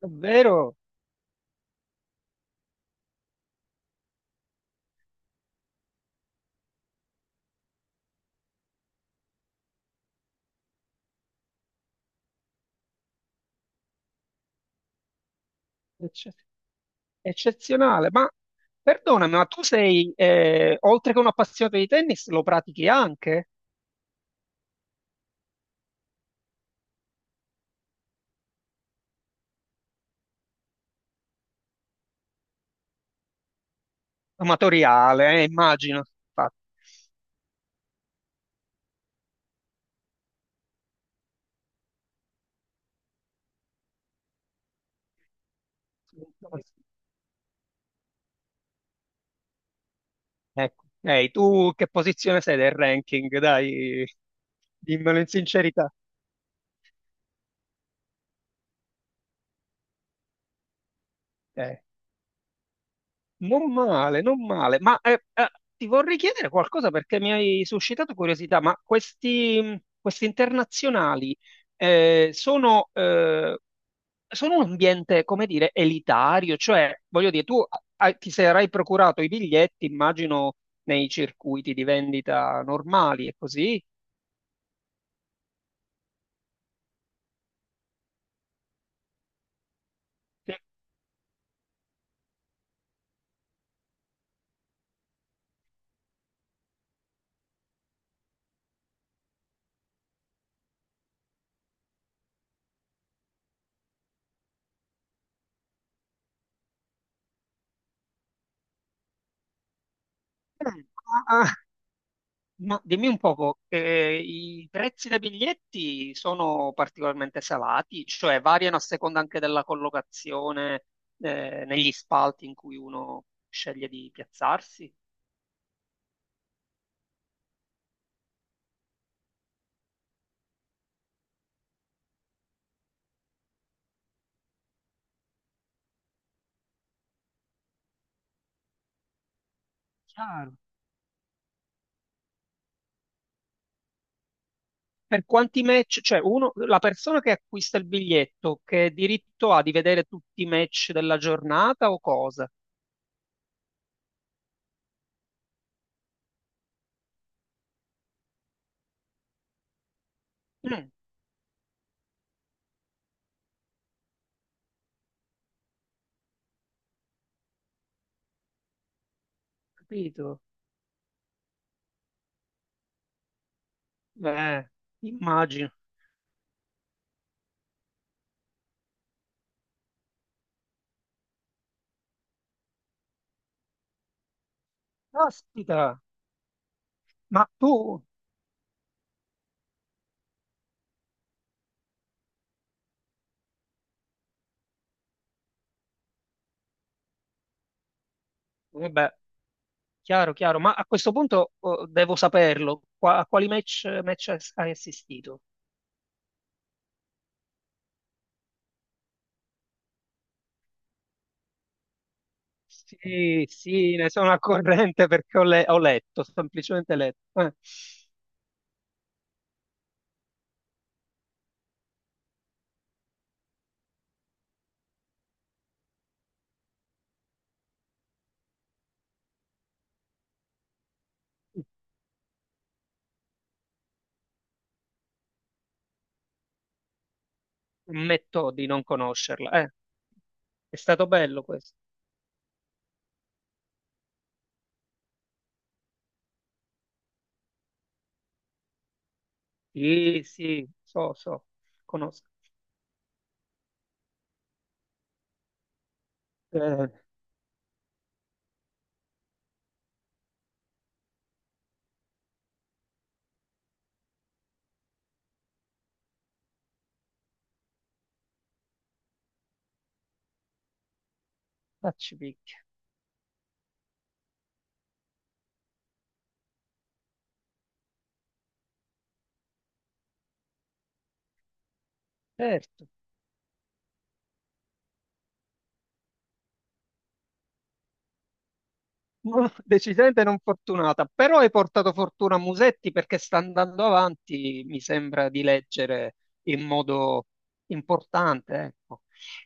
Davvero ecce- eccezionale. Ma perdonami, ma tu sei, oltre che un appassionato di tennis, lo pratichi anche? Amatoriale, immagino. Infatti. Ecco. Ehi, tu che posizione sei del ranking? Dai, dimmelo in sincerità. Eh. Non male, non male, ma ti vorrei chiedere qualcosa perché mi hai suscitato curiosità, ma questi internazionali eh, sono, eh, sono un ambiente, come dire, elitario, cioè, voglio dire, tu ti sarai procurato i biglietti, immagino, nei circuiti di vendita normali e così. Sì. Ah, ma dimmi un poco, i prezzi dei biglietti sono particolarmente salati, cioè variano a seconda anche della collocazione, negli spalti in cui uno sceglie di piazzarsi. Chiaro. Per quanti match, cioè uno, la persona che acquista il biglietto, che diritto ha di vedere tutti i match della giornata o cosa? Mm, capito? Eh, immagino. Caspita, ma tu, vabbè, chiaro, chiaro, ma a questo punto oh, devo saperlo. A quali match, hai assistito? Sì, sì, ne sono a corrente perché ho letto, semplicemente letto. Ammetto di non conoscerla. È stato bello questo. Sì, sì, so, so, conosco. Eh, facci picchi. Certo. No, decisamente non fortunata, però hai portato fortuna a Musetti perché sta andando avanti, mi sembra di leggere in modo importante, ecco.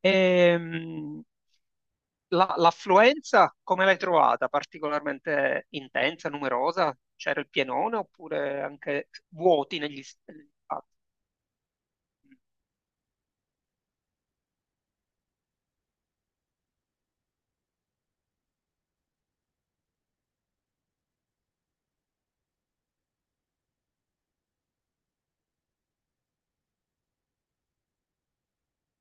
Ehm, l'affluenza come l'hai trovata? Particolarmente intensa, numerosa? C'era il pienone oppure anche vuoti negli spazi?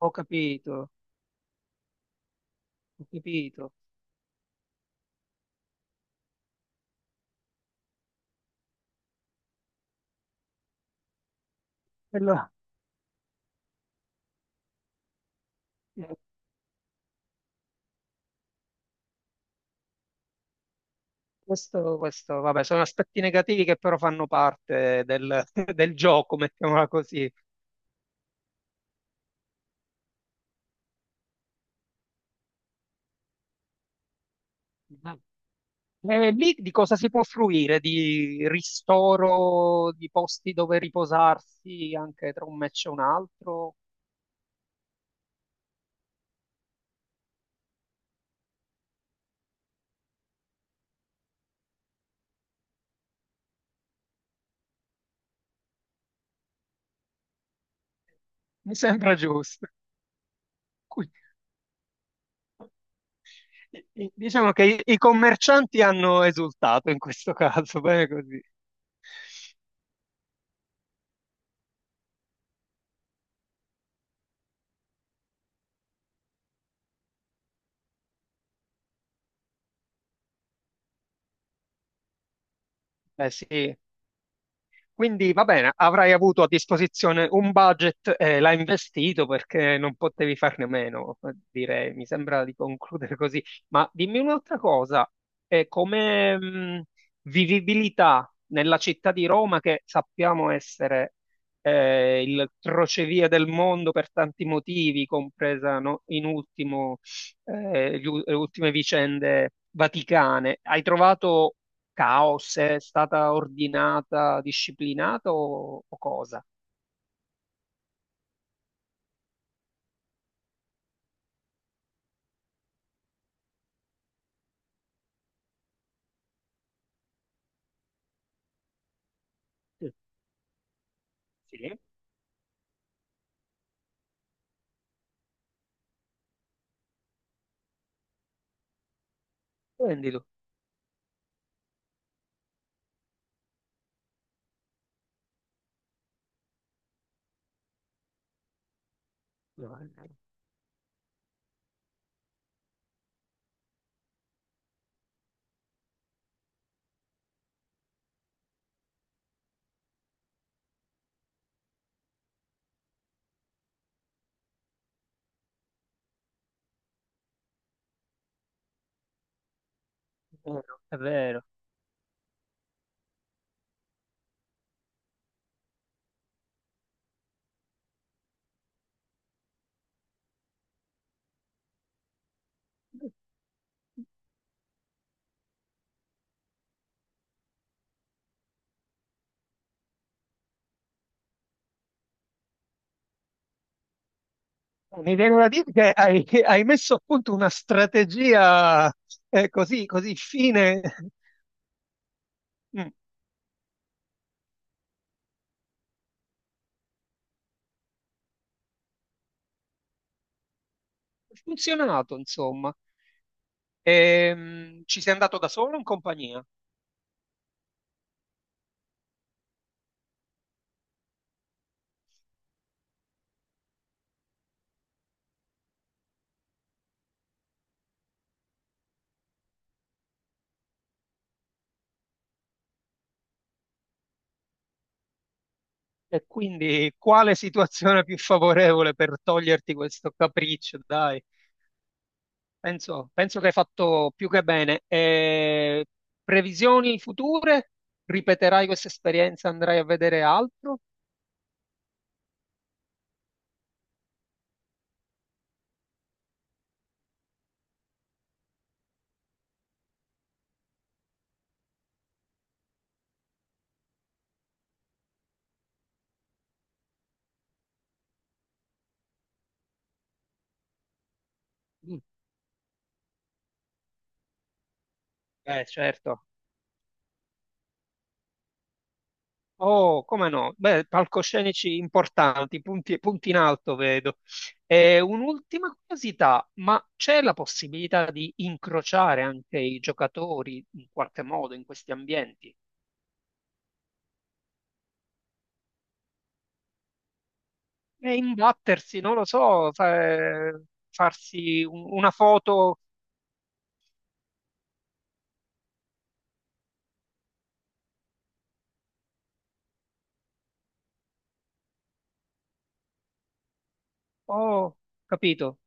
Ho capito, ho capito. Quello- questo, vabbè, sono aspetti negativi che però fanno parte del, del gioco, mettiamola così. Ma- E lì di cosa si può fruire? Di ristoro, di posti dove riposarsi anche tra un match e un altro? Mi sembra giusto. Qui- Diciamo che i commercianti hanno esultato in questo caso, bene così. Eh sì, quindi va bene, avrai avuto a disposizione un budget e l'hai investito perché non potevi farne a meno, direi, mi sembra di concludere così. Ma dimmi un'altra cosa, come vivibilità nella città di Roma, che sappiamo essere il crocevia del mondo per tanti motivi, compresa no, in ultimo le ultime vicende vaticane, hai trovato caos? È stata ordinata, disciplinata o cosa? Sì, sì. Prendilo. No, è vero, è vero. Mi viene da dire che hai messo a punto una strategia così, così fine. Mm. Ha funzionato, insomma. Ci sei andato da solo o in compagnia? E quindi quale situazione più favorevole per toglierti questo capriccio, dai? Penso che hai fatto più che bene. E previsioni future? Ripeterai questa esperienza? Andrai a vedere altro? Mm, beh, certo. Oh, come no? Beh, palcoscenici importanti, punti, punti in alto, vedo. E un'ultima curiosità, ma c'è la possibilità di incrociare anche i giocatori in qualche modo in questi ambienti? E imbattersi, non lo so, farsi una foto... Oh, capito?